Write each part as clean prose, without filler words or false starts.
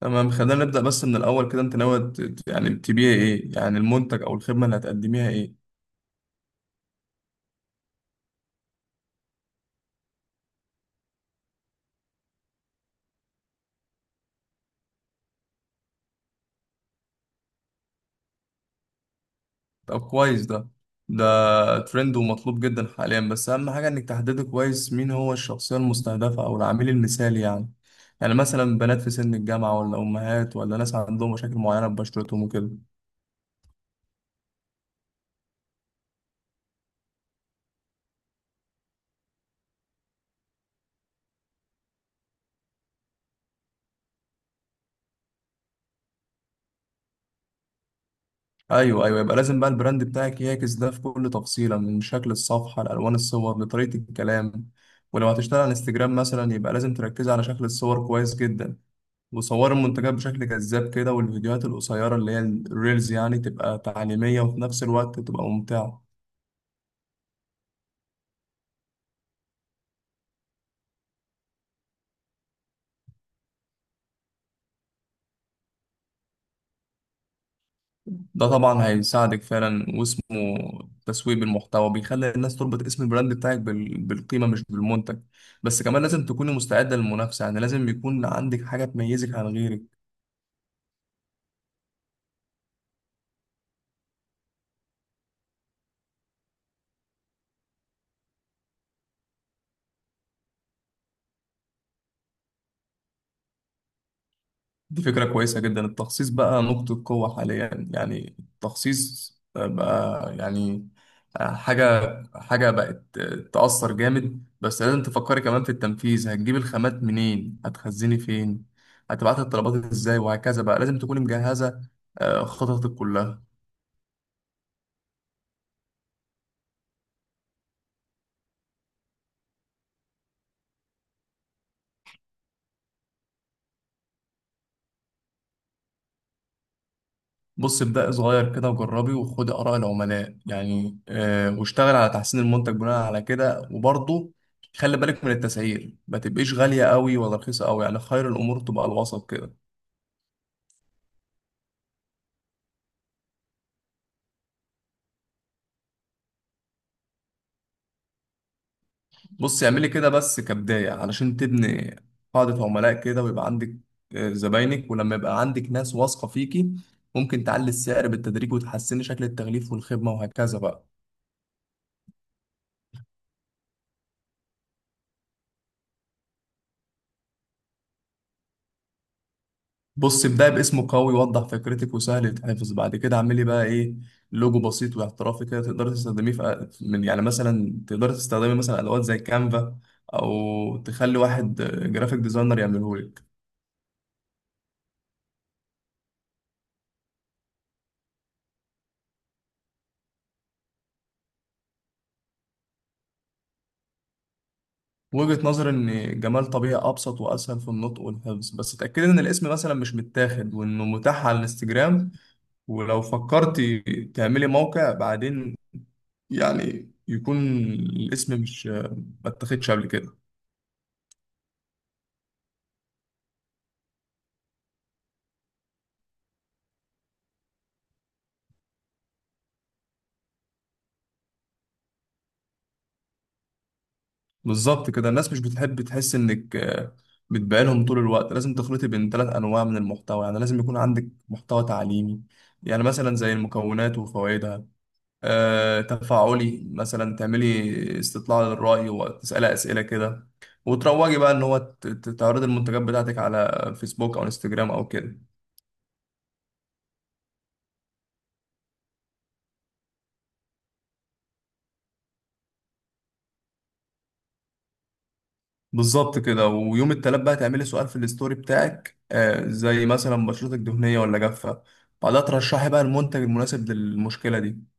تمام، خلينا نبدأ. بس من الأول كده، أنت ناوي يعني تبيع إيه؟ يعني المنتج أو الخدمة اللي هتقدميها إيه؟ طب كويس، ده ترند ومطلوب جدا حاليا، بس أهم حاجة إنك تحددي كويس مين هو الشخصية المستهدفة أو العميل المثالي. يعني مثلا بنات في سن الجامعة، ولا أمهات، ولا ناس عندهم مشاكل معينة ببشرتهم وكده. أيوه أيوه، يبقى لازم بقى البراند بتاعك يعكس ده في كل تفصيلة، من شكل الصفحة لألوان الصور لطريقة الكلام. ولو هتشتغل على انستجرام مثلا يبقى لازم تركز على شكل الصور كويس جدا، وصوروا المنتجات بشكل جذاب كده، والفيديوهات القصيرة اللي هي الريلز يعني تبقى تعليمية وفي نفس الوقت تبقى ممتعة. ده طبعا هيساعدك فعلا، واسمه تسويق بالمحتوى، بيخلي الناس تربط اسم البراند بتاعك بالقيمة مش بالمنتج. بس كمان لازم تكوني مستعدة للمنافسة، يعني لازم يكون عندك حاجة تميزك عن غيرك. دي فكرة كويسة جدا، التخصيص بقى نقطة قوة حاليا، يعني التخصيص بقى يعني حاجة حاجة بقت تأثر جامد. بس لازم تفكري كمان في التنفيذ، هتجيب الخامات منين، هتخزني فين، هتبعت الطلبات ازاي، وهكذا بقى. لازم تكوني مجهزة خططك كلها. بص، ابدأ صغير كده وجربي، وخدي آراء العملاء، يعني واشتغل على تحسين المنتج بناء على كده، وبرضه خلي بالك من التسعير، ما تبقيش غالية قوي ولا رخيصة قوي، يعني خير الأمور تبقى الوسط كده. بص، اعملي كده بس كبداية علشان تبني قاعدة عملاء كده، ويبقى عندك زباينك. ولما يبقى عندك ناس واثقة فيكي ممكن تعلي السعر بالتدريج، وتحسني شكل التغليف والخدمة وهكذا بقى. بص، ابدأ باسم قوي وضح فكرتك وسهل يتحفظ. بعد كده اعملي بقى ايه، لوجو بسيط واحترافي كده، تقدر تستخدميه في من، يعني مثلا تقدر تستخدمي مثلا ادوات زي كانفا، او تخلي واحد جرافيك ديزاينر يعمله لك. وجهة نظر ان جمال طبيعي ابسط واسهل في النطق والحفظ، بس اتاكدي ان الاسم مثلا مش متاخد، وانه متاح على الانستجرام. ولو فكرتي تعملي موقع بعدين، يعني يكون الاسم مش ما اتاخدش قبل كده. بالظبط كده، الناس مش بتحب تحس انك بتبيعلهم طول الوقت. لازم تخلطي بين ثلاث انواع من المحتوى، يعني لازم يكون عندك محتوى تعليمي، يعني مثلا زي المكونات وفوائدها، تفاعلي. مثلا تعملي استطلاع للرأي وتسألي أسئلة كده، وتروجي بقى ان هو تعرضي المنتجات بتاعتك على فيسبوك او انستجرام او كده. بالظبط كده. ويوم التلات بقى تعملي سؤال في الستوري بتاعك، زي مثلا بشرتك دهنية ولا جافة، بعدها ترشحي بقى المنتج المناسب للمشكلة دي.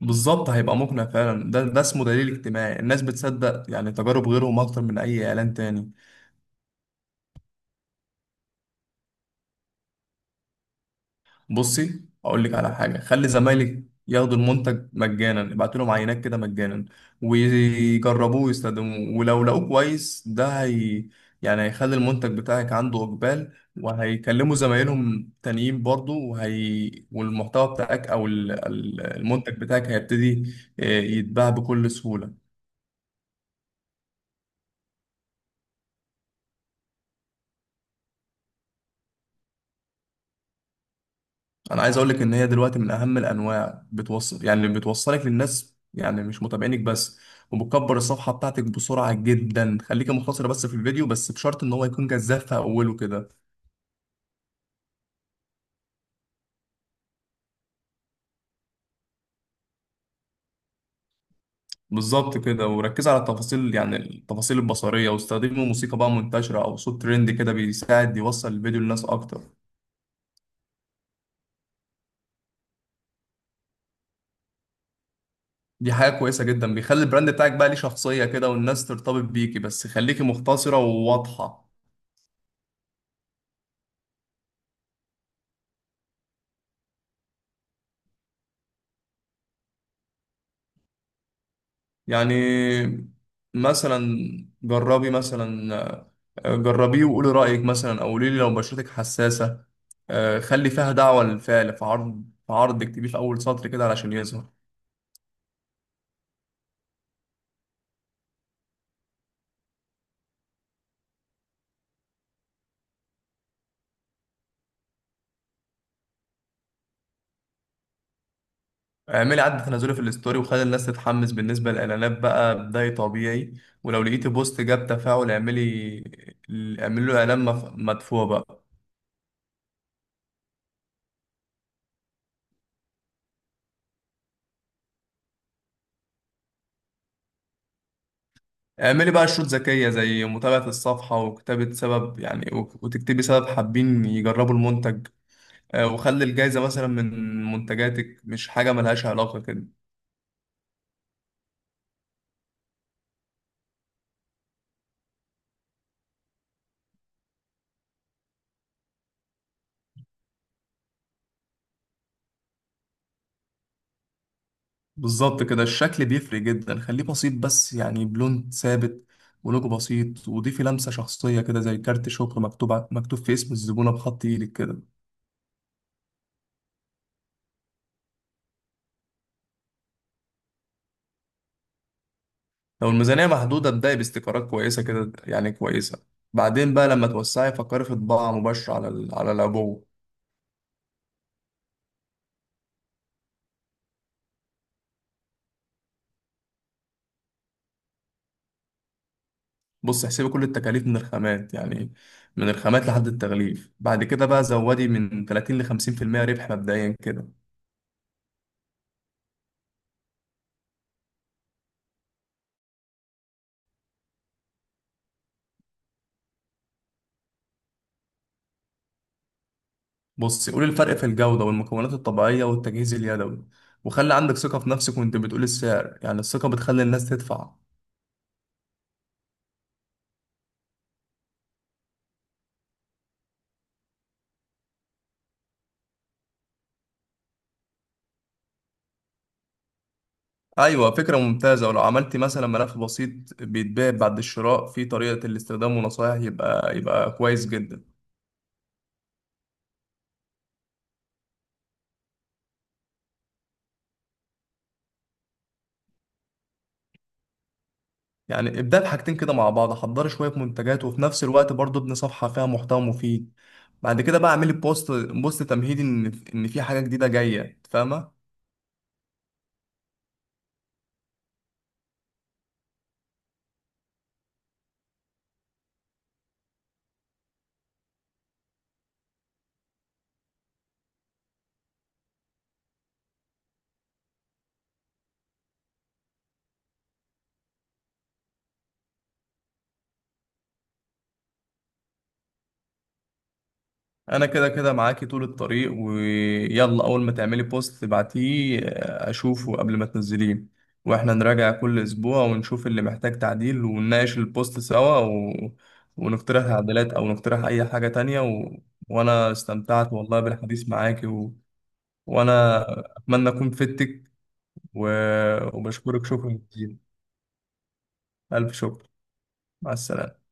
بالظبط، هيبقى مقنع فعلا، ده اسمه دليل اجتماعي، الناس بتصدق يعني تجارب غيرهم اكتر من اي اعلان تاني. بصي، اقول لك على حاجه، خلي زمايلك ياخدوا المنتج مجانا، ابعتوا لهم عينات كده مجانا ويجربوه ويستخدموه، ولو لقوه كويس ده هي يعني هيخلي المنتج بتاعك عنده اقبال، وهيكلموا زمايلهم تانيين برضو. وهي والمحتوى بتاعك او المنتج بتاعك هيبتدي يتباع بكل سهوله. انا عايز اقول لك ان هي دلوقتي من اهم الانواع، بتوصل يعني اللي بتوصلك للناس، يعني مش متابعينك بس، وبتكبر الصفحه بتاعتك بسرعه جدا. خليكي مختصره بس في الفيديو، بس بشرط ان هو يكون جذاب في اوله كده. بالظبط كده، وركز على التفاصيل، يعني التفاصيل البصريه، واستخدمي موسيقى بقى منتشره او صوت ترند كده، بيساعد يوصل الفيديو للناس اكتر. دي حاجه كويسه جدا، بيخلي البراند بتاعك بقى ليه شخصيه كده، والناس ترتبط بيكي، بس خليكي مختصره وواضحه. يعني مثلا جربي مثلا، جربيه وقولي رأيك، مثلا او قولي لي لو بشرتك حساسة، خلي فيها دعوة للفعل، في عرض اكتبيه في اول سطر كده علشان يظهر. اعملي عد تنازلي في الستوري وخلي الناس تتحمس. بالنسبة للإعلانات بقى بداية طبيعي، ولو لقيتي بوست جاب تفاعل اعملي له إعلان مدفوع بقى. اعملي بقى شروط ذكية، زي متابعة الصفحة وكتابة سبب، يعني وتكتبي سبب حابين يجربوا المنتج، وخلي الجايزة مثلا من منتجاتك، مش حاجة ملهاش علاقة كده. بالظبط كده، الشكل بيفرق جدا، خليه بسيط بس يعني بلون ثابت ولوجو بسيط، وضيفي لمسة شخصية كده، زي كارت شكر مكتوب في اسم الزبونة بخط ايدك كده. لو الميزانية محدودة ابدأي باستيكرات كويسة كده، يعني كويسة. بعدين بقى لما توسعي فكري في طباعة مباشرة على على العبوة. بص، احسبي كل التكاليف من الخامات، يعني من الخامات لحد التغليف. بعد كده بقى زودي من 30 ل 50% ربح مبدئيا كده. بص، قول الفرق في الجودة والمكونات الطبيعية والتجهيز اليدوي، وخلي عندك ثقة في نفسك وانت بتقول السعر، يعني الثقة بتخلي الناس تدفع. أيوة، فكرة ممتازة، ولو عملت مثلا ملف بسيط بيتباع بعد الشراء في طريقة الاستخدام ونصائح، يبقى كويس جدا. يعني ابدأ بحاجتين كده مع بعض، حضري شوية منتجات وفي نفس الوقت برضه ابني صفحة فيها محتوى مفيد. بعد كده بقى اعملي بوست تمهيدي ان في حاجة جديدة جاية. فاهمة. انا كده كده معاكي طول الطريق، ويلا اول ما تعملي بوست تبعتيه اشوفه قبل ما تنزليه، واحنا نراجع كل اسبوع ونشوف اللي محتاج تعديل، ونناقش البوست سوا، ونقترح تعديلات او نقترح اي حاجة تانية، وانا استمتعت والله بالحديث معاكي، وانا اتمنى اكون فدتك، و... وبشكرك، شكرا جزيلا، الف شكر، مع السلامة.